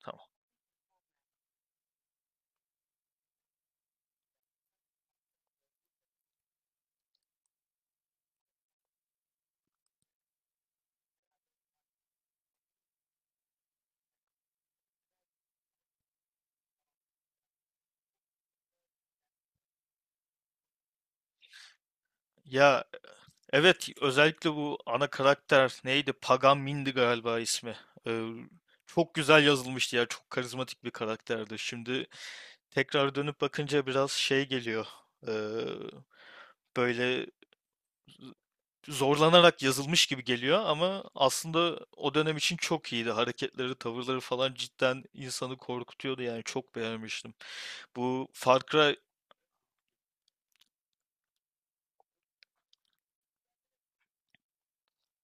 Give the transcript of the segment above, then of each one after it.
Tamam. Ya evet özellikle bu ana karakter neydi? Pagan Mindi galiba ismi. Ee, çok güzel yazılmıştı ya. Çok karizmatik bir karakterdi. Şimdi tekrar dönüp bakınca biraz şey geliyor. Ee, böyle zorlanarak yazılmış gibi geliyor ama aslında o dönem için çok iyiydi. Hareketleri, tavırları falan cidden insanı korkutuyordu yani çok beğenmiştim. Bu Far Cry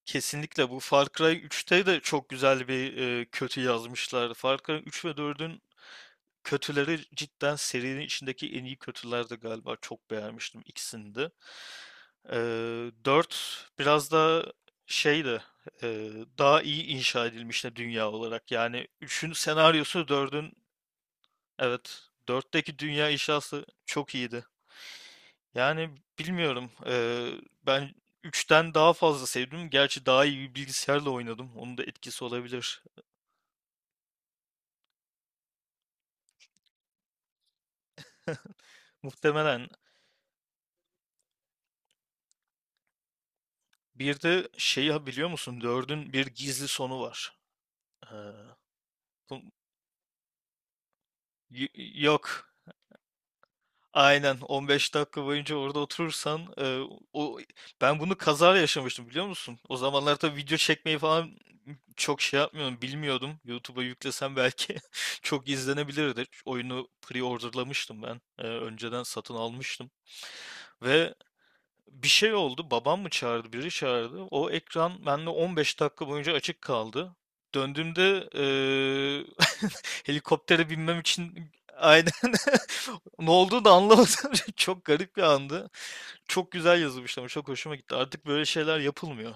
kesinlikle bu Far Cry 3'te de çok güzel bir kötü yazmışlardı. Far Cry 3 ve 4'ün kötüleri cidden serinin içindeki en iyi kötülerdi galiba. Çok beğenmiştim ikisini de. Ee, 4 biraz da şeydi, e, daha iyi inşa edilmişti dünya olarak. Yani 3'ün senaryosu 4'ün. Evet, 4'teki dünya inşası çok iyiydi. Yani bilmiyorum. Ben 3'ten daha fazla sevdim. Gerçi daha iyi bir bilgisayarla oynadım. Onun da etkisi olabilir. Muhtemelen. Bir de şeyi biliyor musun? 4'ün bir gizli sonu var. Eee, bu- y- Yok. Aynen 15 dakika boyunca orada oturursan e, o ben bunu kaza yaşamıştım biliyor musun? O zamanlar tabii video çekmeyi falan çok şey yapmıyorum bilmiyordum. YouTube'a yüklesem belki çok izlenebilirdi. Oyunu pre-orderlamıştım ben. E, önceden satın almıştım ve bir şey oldu. Babam mı çağırdı, biri çağırdı. O ekran bende 15 dakika boyunca açık kaldı. Döndüğümde helikoptere binmem için aynen ne olduğunu da anlamadım. Çok garip bir andı. Çok güzel yazılmış ama çok hoşuma gitti. Artık böyle şeyler yapılmıyor.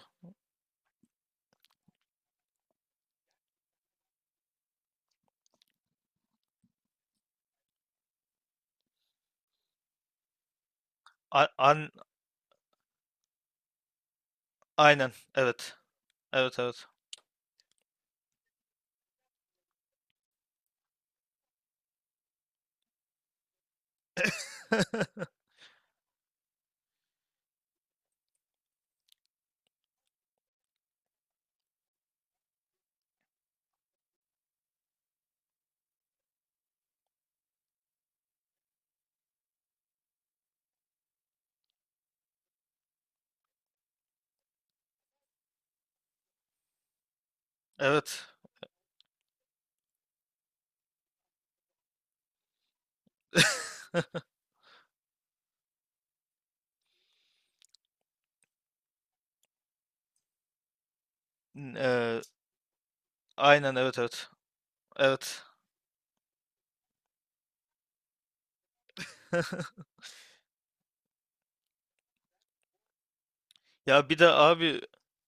A- an- aynen. Evet. Evet, evet. Evet. Eee, aynen, evet, evet. Evet. Ya bir de abi,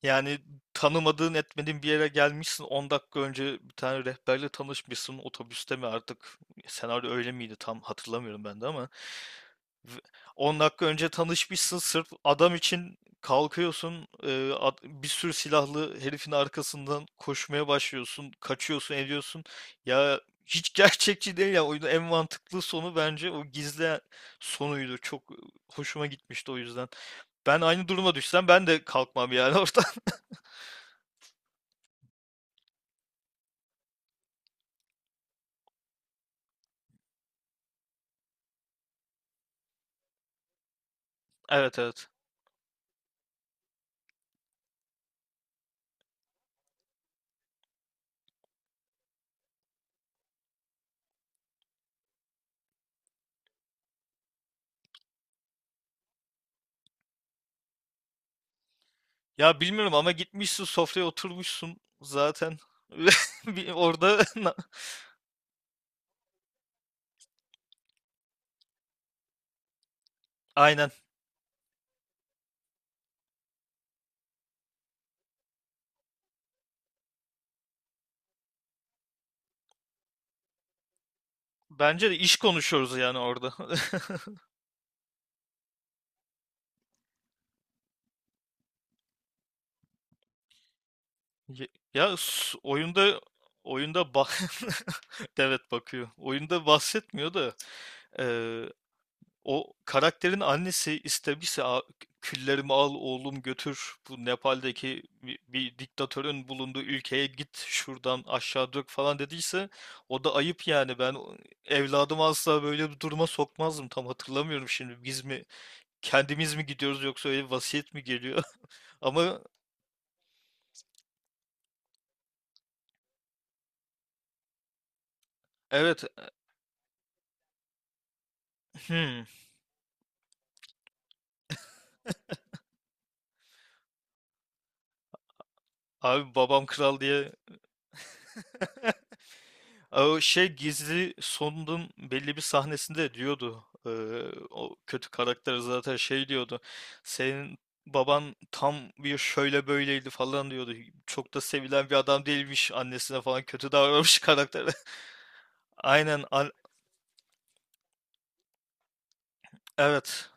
yani tanımadığın etmediğin bir yere gelmişsin, 10 dakika önce bir tane rehberle tanışmışsın, otobüste mi artık, senaryo öyle miydi tam hatırlamıyorum ben de, ama V- 10 dakika önce tanışmışsın, sırf adam için kalkıyorsun, bir sürü silahlı herifin arkasından koşmaya başlıyorsun, kaçıyorsun ediyorsun ya, hiç gerçekçi değil ya. Oyunun en mantıklı sonu bence o gizli sonuydu, çok hoşuma gitmişti o yüzden. Ben aynı duruma düşsem ben de kalkmam yani oradan. Evet, evet. Ya bilmiyorum, ama gitmişsin sofraya oturmuşsun zaten. Ve bir orada aynen. Bence de iş konuşuyoruz yani orada. Ye- Oyunda oyunda bah evet, bakıyor. Oyunda bahsetmiyor da, o karakterin annesi istemişse, küllerimi al oğlum, götür bu Nepal'deki bir diktatörün bulunduğu ülkeye git, şuradan aşağı dök" falan dediyse o da ayıp yani. Ben evladımı asla böyle bir duruma sokmazdım. Tam hatırlamıyorum şimdi, biz mi, kendimiz mi gidiyoruz, yoksa öyle bir vasiyet mi geliyor. Ama evet, hmm, abi babam kral diye. O şey, gizli sonunun belli bir sahnesinde diyordu. O kötü karakter zaten şey diyordu. Senin baban tam bir şöyle böyleydi falan diyordu. Çok da sevilen bir adam değilmiş, annesine falan kötü davranmış karakter. Aynen, evet.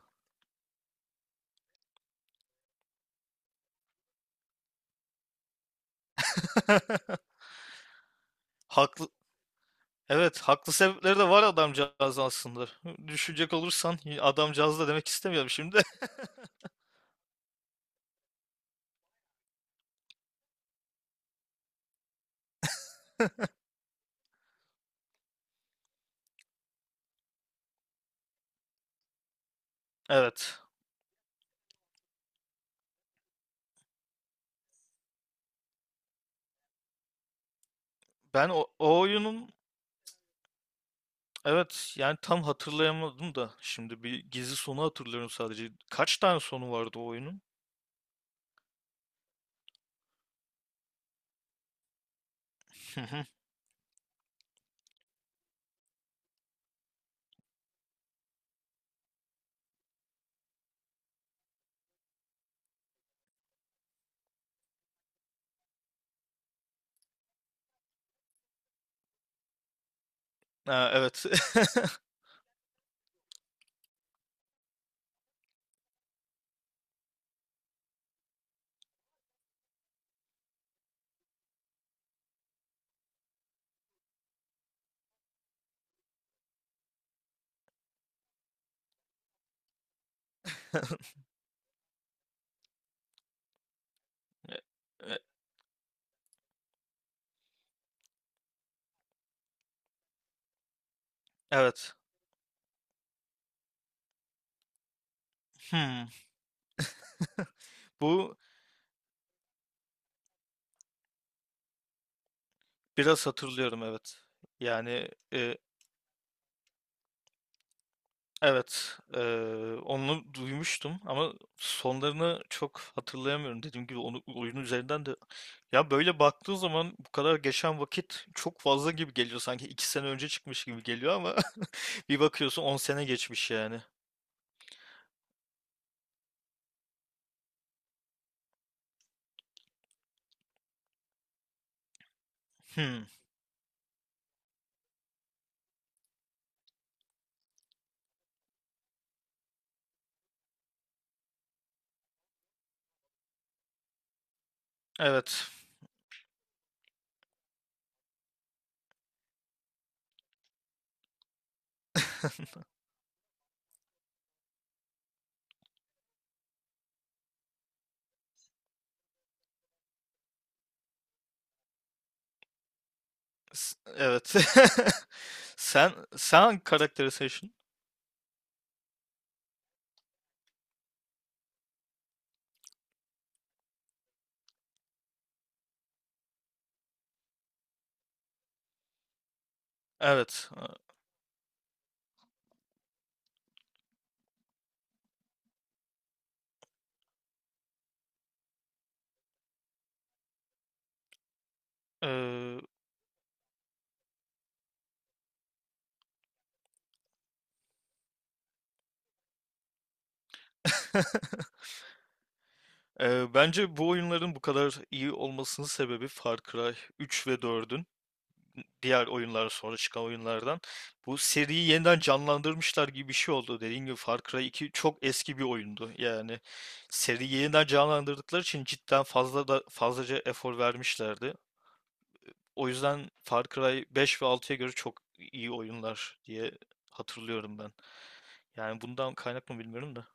Haklı Evet, haklı sebepleri de var adamcağız aslında. Düşünecek olursan adamcağız da demek istemiyorum şimdi. Evet. Ben o oyunun. Evet yani tam hatırlayamadım da şimdi, bir gizli sonu hatırlıyorum sadece. Kaç tane sonu vardı o oyunun? Hı hı. Ha, evet. E- e- Evet. Hmm. Bu biraz hatırlıyorum, evet. Yani evet, onu duymuştum ama sonlarını çok hatırlayamıyorum. Dediğim gibi onu oyunun üzerinden de, ya böyle baktığın zaman bu kadar geçen vakit çok fazla gibi geliyor, sanki 2 sene önce çıkmış gibi geliyor ama bir bakıyorsun 10 sene geçmiş yani. Hmm, evet. Evet. Sen sen hangi karakteri seçtin? Evet. Eee, bence bu oyunların bu kadar iyi olmasının sebebi Far Cry 3 ve 4'ün diğer oyunlar sonra çıkan oyunlardan. Bu seriyi yeniden canlandırmışlar gibi bir şey oldu. Dediğim gibi Far Cry 2 çok eski bir oyundu. Yani seriyi yeniden canlandırdıkları için cidden fazla da fazlaca efor vermişlerdi. O yüzden Far Cry 5 ve 6'ya göre çok iyi oyunlar diye hatırlıyorum ben. Yani bundan kaynak mı bilmiyorum da.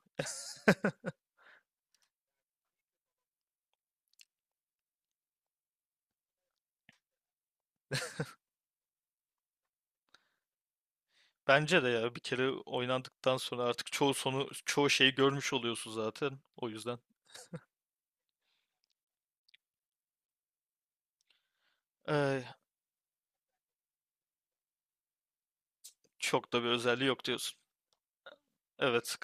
Bence de ya bir kere oynandıktan sonra artık çoğu sonu çoğu şeyi görmüş oluyorsun zaten. O yüzden eh, çok da bir özelliği yok diyorsun. Evet,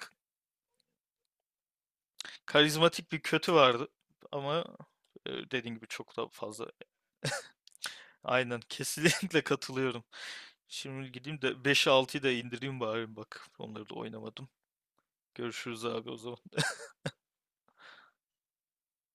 karizmatik bir kötü vardı ama dediğin gibi çok da fazla. Aynen kesinlikle katılıyorum. Şimdi gideyim de 5'i 6'yı da indireyim bari bak. Onları da oynamadım. Görüşürüz abi o zaman.